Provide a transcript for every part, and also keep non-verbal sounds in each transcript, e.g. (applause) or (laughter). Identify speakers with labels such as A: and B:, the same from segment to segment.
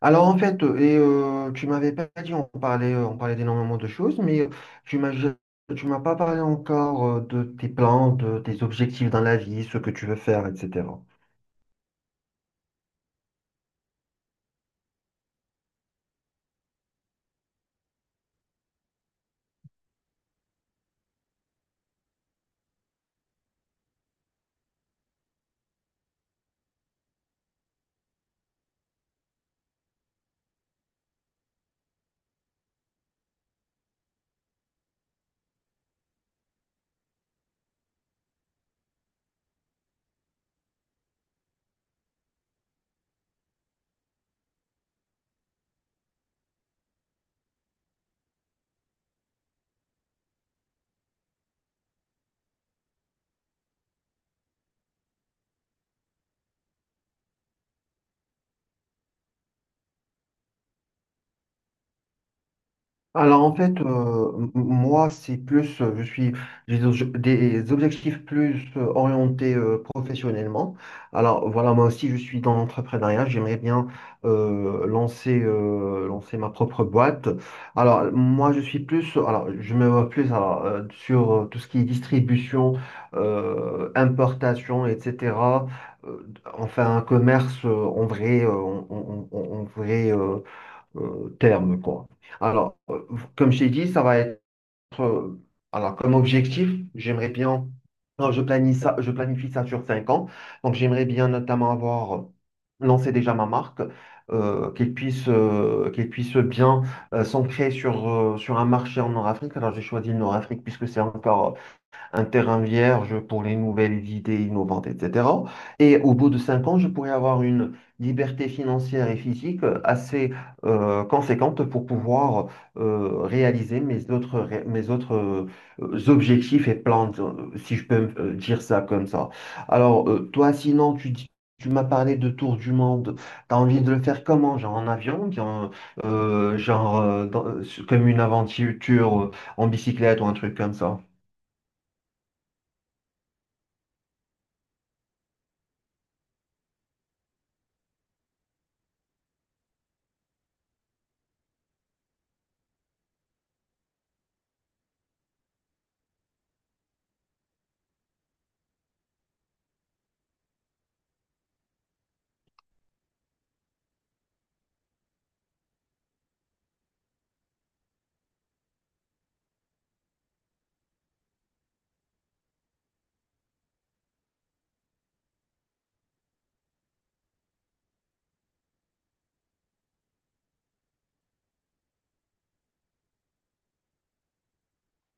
A: Tu m'avais pas dit, on parlait d'énormément de choses, tu m'as, ja- tu m'as pas parlé encore de tes plans, de tes objectifs dans la vie, ce que tu veux faire, etc. Moi, c'est plus, je suis, j'ai des obje- des objectifs plus orientés professionnellement. Alors voilà, moi aussi, je suis dans l'entrepreneuriat. J'aimerais bien lancer ma propre boîte. Alors moi, je suis plus, alors je me vois plus alors, sur tout ce qui est distribution, importation, etc. Euh, Enfin, un commerce en vrai, en vrai. Terme, quoi. Alors, euh, Comme je t'ai dit, ça va être, euh, alors comme objectif, j'aimerais bien, non, je planifie ça sur 5 ans, donc j'aimerais bien notamment avoir lancé déjà ma marque, qu'elle puisse bien s'ancrer sur, sur un marché en Nord-Afrique. Alors, j'ai choisi le Nord-Afrique puisque c'est encore un terrain vierge pour les nouvelles idées innovantes, etc. Et au bout de 5 ans, je pourrais avoir une liberté financière et physique assez conséquente pour pouvoir réaliser mes mes autres objectifs et plans, si je peux me- dire ça comme ça. Alors, toi, sinon, tu dis- Tu m'as parlé de tour du monde. T'as envie de le faire comment? Genre en avion, bien, genre comme une aventure en bicyclette ou un truc comme ça.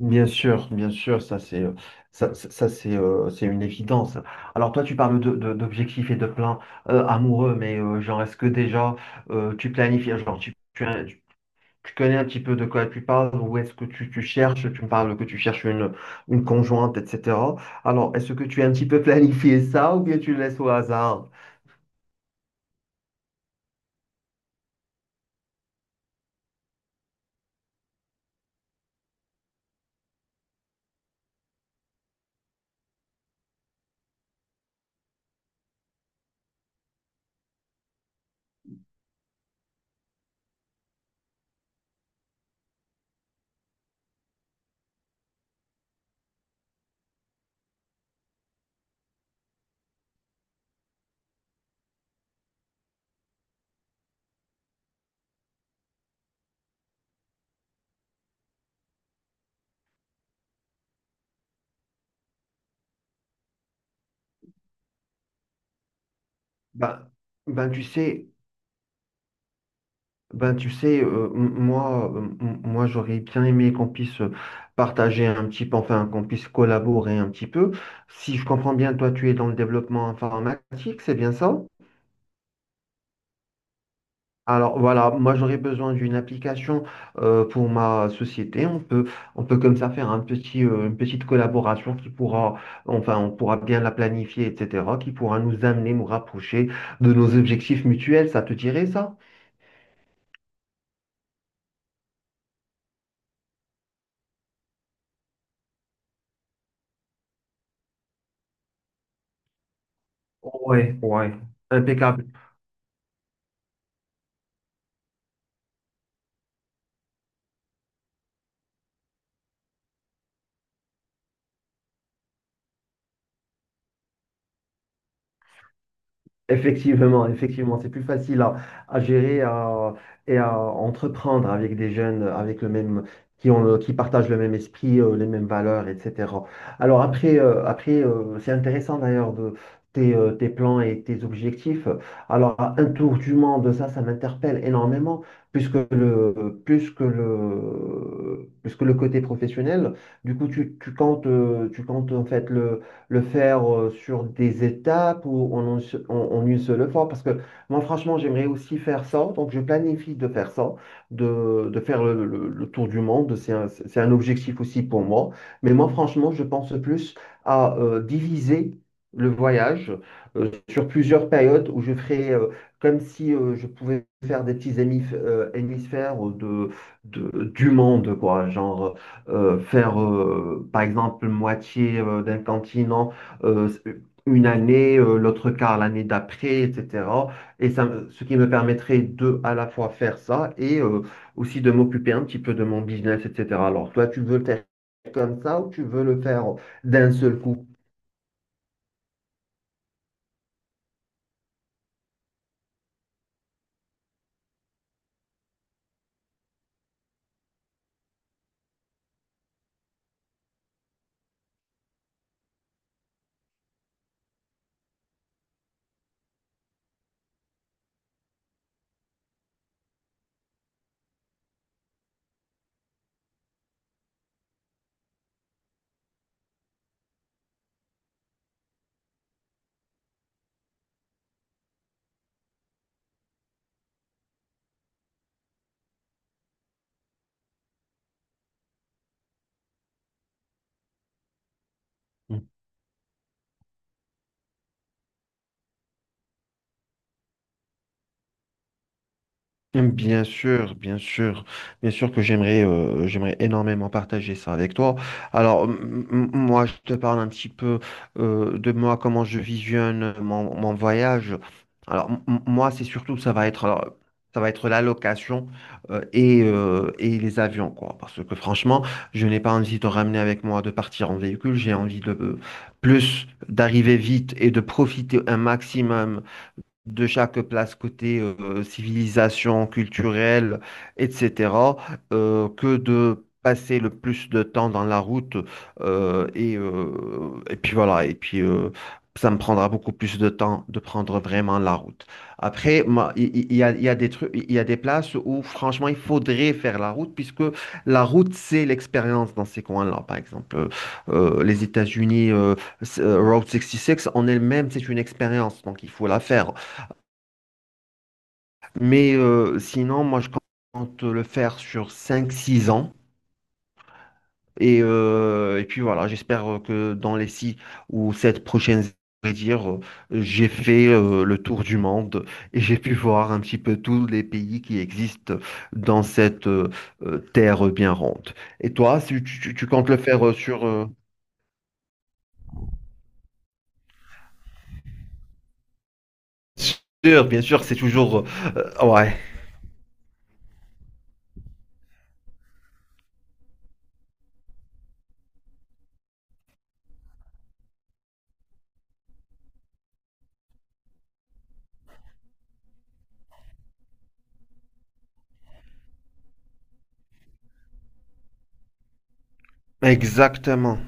A: Bien sûr, ça c'est ça, ça, ça, c'est une évidence. Alors toi tu parles d'objectifs et de plans amoureux, mais genre est-ce que déjà tu planifies, tu connais un petit peu de quoi tu parles ou est-ce que tu cherches, tu me parles que tu cherches une conjointe, etc. Alors est-ce que tu as un petit peu (laughs) planifié ça ou bien tu le laisses au hasard? Ben, ben tu sais. Ben, tu sais, moi j'aurais bien aimé qu'on puisse partager un petit peu, enfin qu'on puisse collaborer un petit peu. Si je comprends bien, toi, tu es dans le développement informatique, c'est bien ça? Alors voilà, moi j'aurais besoin d'une application pour ma société. On peut comme ça faire un petit, une petite collaboration qui pourra, enfin on pourra bien la planifier, etc., qui pourra nous amener, nous rapprocher de nos objectifs mutuels. Ça te dirait ça? Ouais, ouais. Impeccable. Effectivement, effectivement, c'est plus facile à gérer à- et à entreprendre avec des jeunes avec le même, qui ont le- qui partagent le même esprit, les mêmes valeurs, etc. Alors après, après C'est intéressant d'ailleurs de tes plans et tes objectifs. Alors un tour du monde, ça m'interpelle énormément, puisque plus que le côté professionnel, du coup, tu comptes en fait le faire sur des étapes ou en, un se- en- en une seule fois? Parce que moi, franchement, j'aimerais aussi faire ça. Donc, je planifie de faire ça, de faire le tour du monde. C'est un objectif aussi pour moi. Mais moi, franchement, je pense plus à diviser le voyage sur plusieurs périodes où je ferai comme si je pouvais faire des petits hémisphères du monde, quoi. Genre, faire par exemple moitié d'un continent euh, une année, l'autre quart l'année d'après, etc. Et ce qui me permettrait de à la fois faire ça et aussi de m'occuper un petit peu de mon business, etc. Alors toi, tu veux le faire comme ça ou tu veux le faire d'un seul coup? Hum. Bien sûr, bien sûr, bien sûr que j'aimerais énormément partager ça avec toi. Moi, je te parle un petit peu de moi, comment je visionne mon voyage. Moi, c'est surtout, ça va être, alors, ça va être la location et les avions, quoi. Parce que franchement, je n'ai pas envie de ramener avec moi, de partir en véhicule. J'ai envie de plus d'arriver vite et de profiter un maximum de chaque place côté civilisation culturelle, etc., que de passer le plus de temps dans la route. Euh, et, euh, et puis voilà, et puis Ça me prendra beaucoup plus de temps de prendre vraiment la route. Après, moi, il y a des trucs, il y a des places où franchement, il faudrait faire la route, puisque la route, c'est l'expérience dans ces coins-là. Par exemple, les États-Unis, Route 66, en elle-même, c'est une expérience, donc il faut la faire. Mais sinon, moi, je compte le faire sur 5, 6 ans. J'espère que dans les 6 ou 7 prochaines années, je vais dire, j'ai fait le tour du monde et j'ai pu voir un petit peu tous les pays qui existent dans cette terre bien ronde. Et toi, si tu comptes le faire Sûr, bien sûr, c'est toujours... ouais, exactement.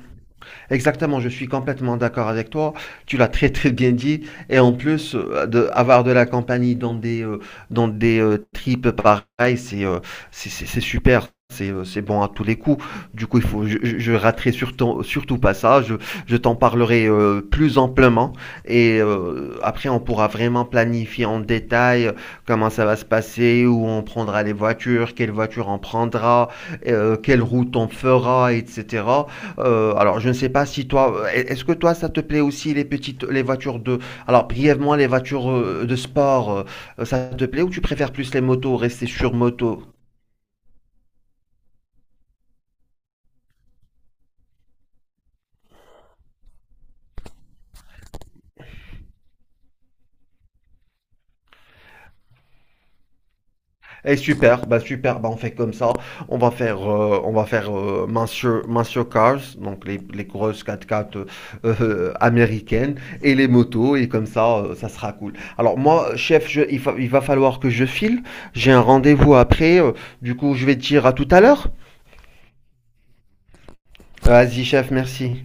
A: Exactement, je suis complètement d'accord avec toi. Tu l'as très très bien dit. Et en plus, avoir de la compagnie dans des tripes pareilles, c'est super. C'est bon à tous les coups. Du coup, il faut, je raterai surtout pas ça. Je t'en parlerai plus amplement. Et après, on pourra vraiment planifier en détail comment ça va se passer, où on prendra les voitures, quelle voiture on prendra, quelle route on fera, etc. Alors, je ne sais pas si toi, est-ce que toi, ça te plaît aussi les voitures de, alors brièvement les voitures de sport, ça te plaît ou tu préfères plus les motos, rester sur moto? Et super, bah on fait comme ça. On va faire Monsieur Cars, donc les grosses quatre quatre américaines et les motos, et comme ça, ça sera cool. Alors moi, chef, il va falloir que je file. J'ai un rendez-vous après. Du coup, je vais te dire à tout à l'heure. Vas-y, chef, merci.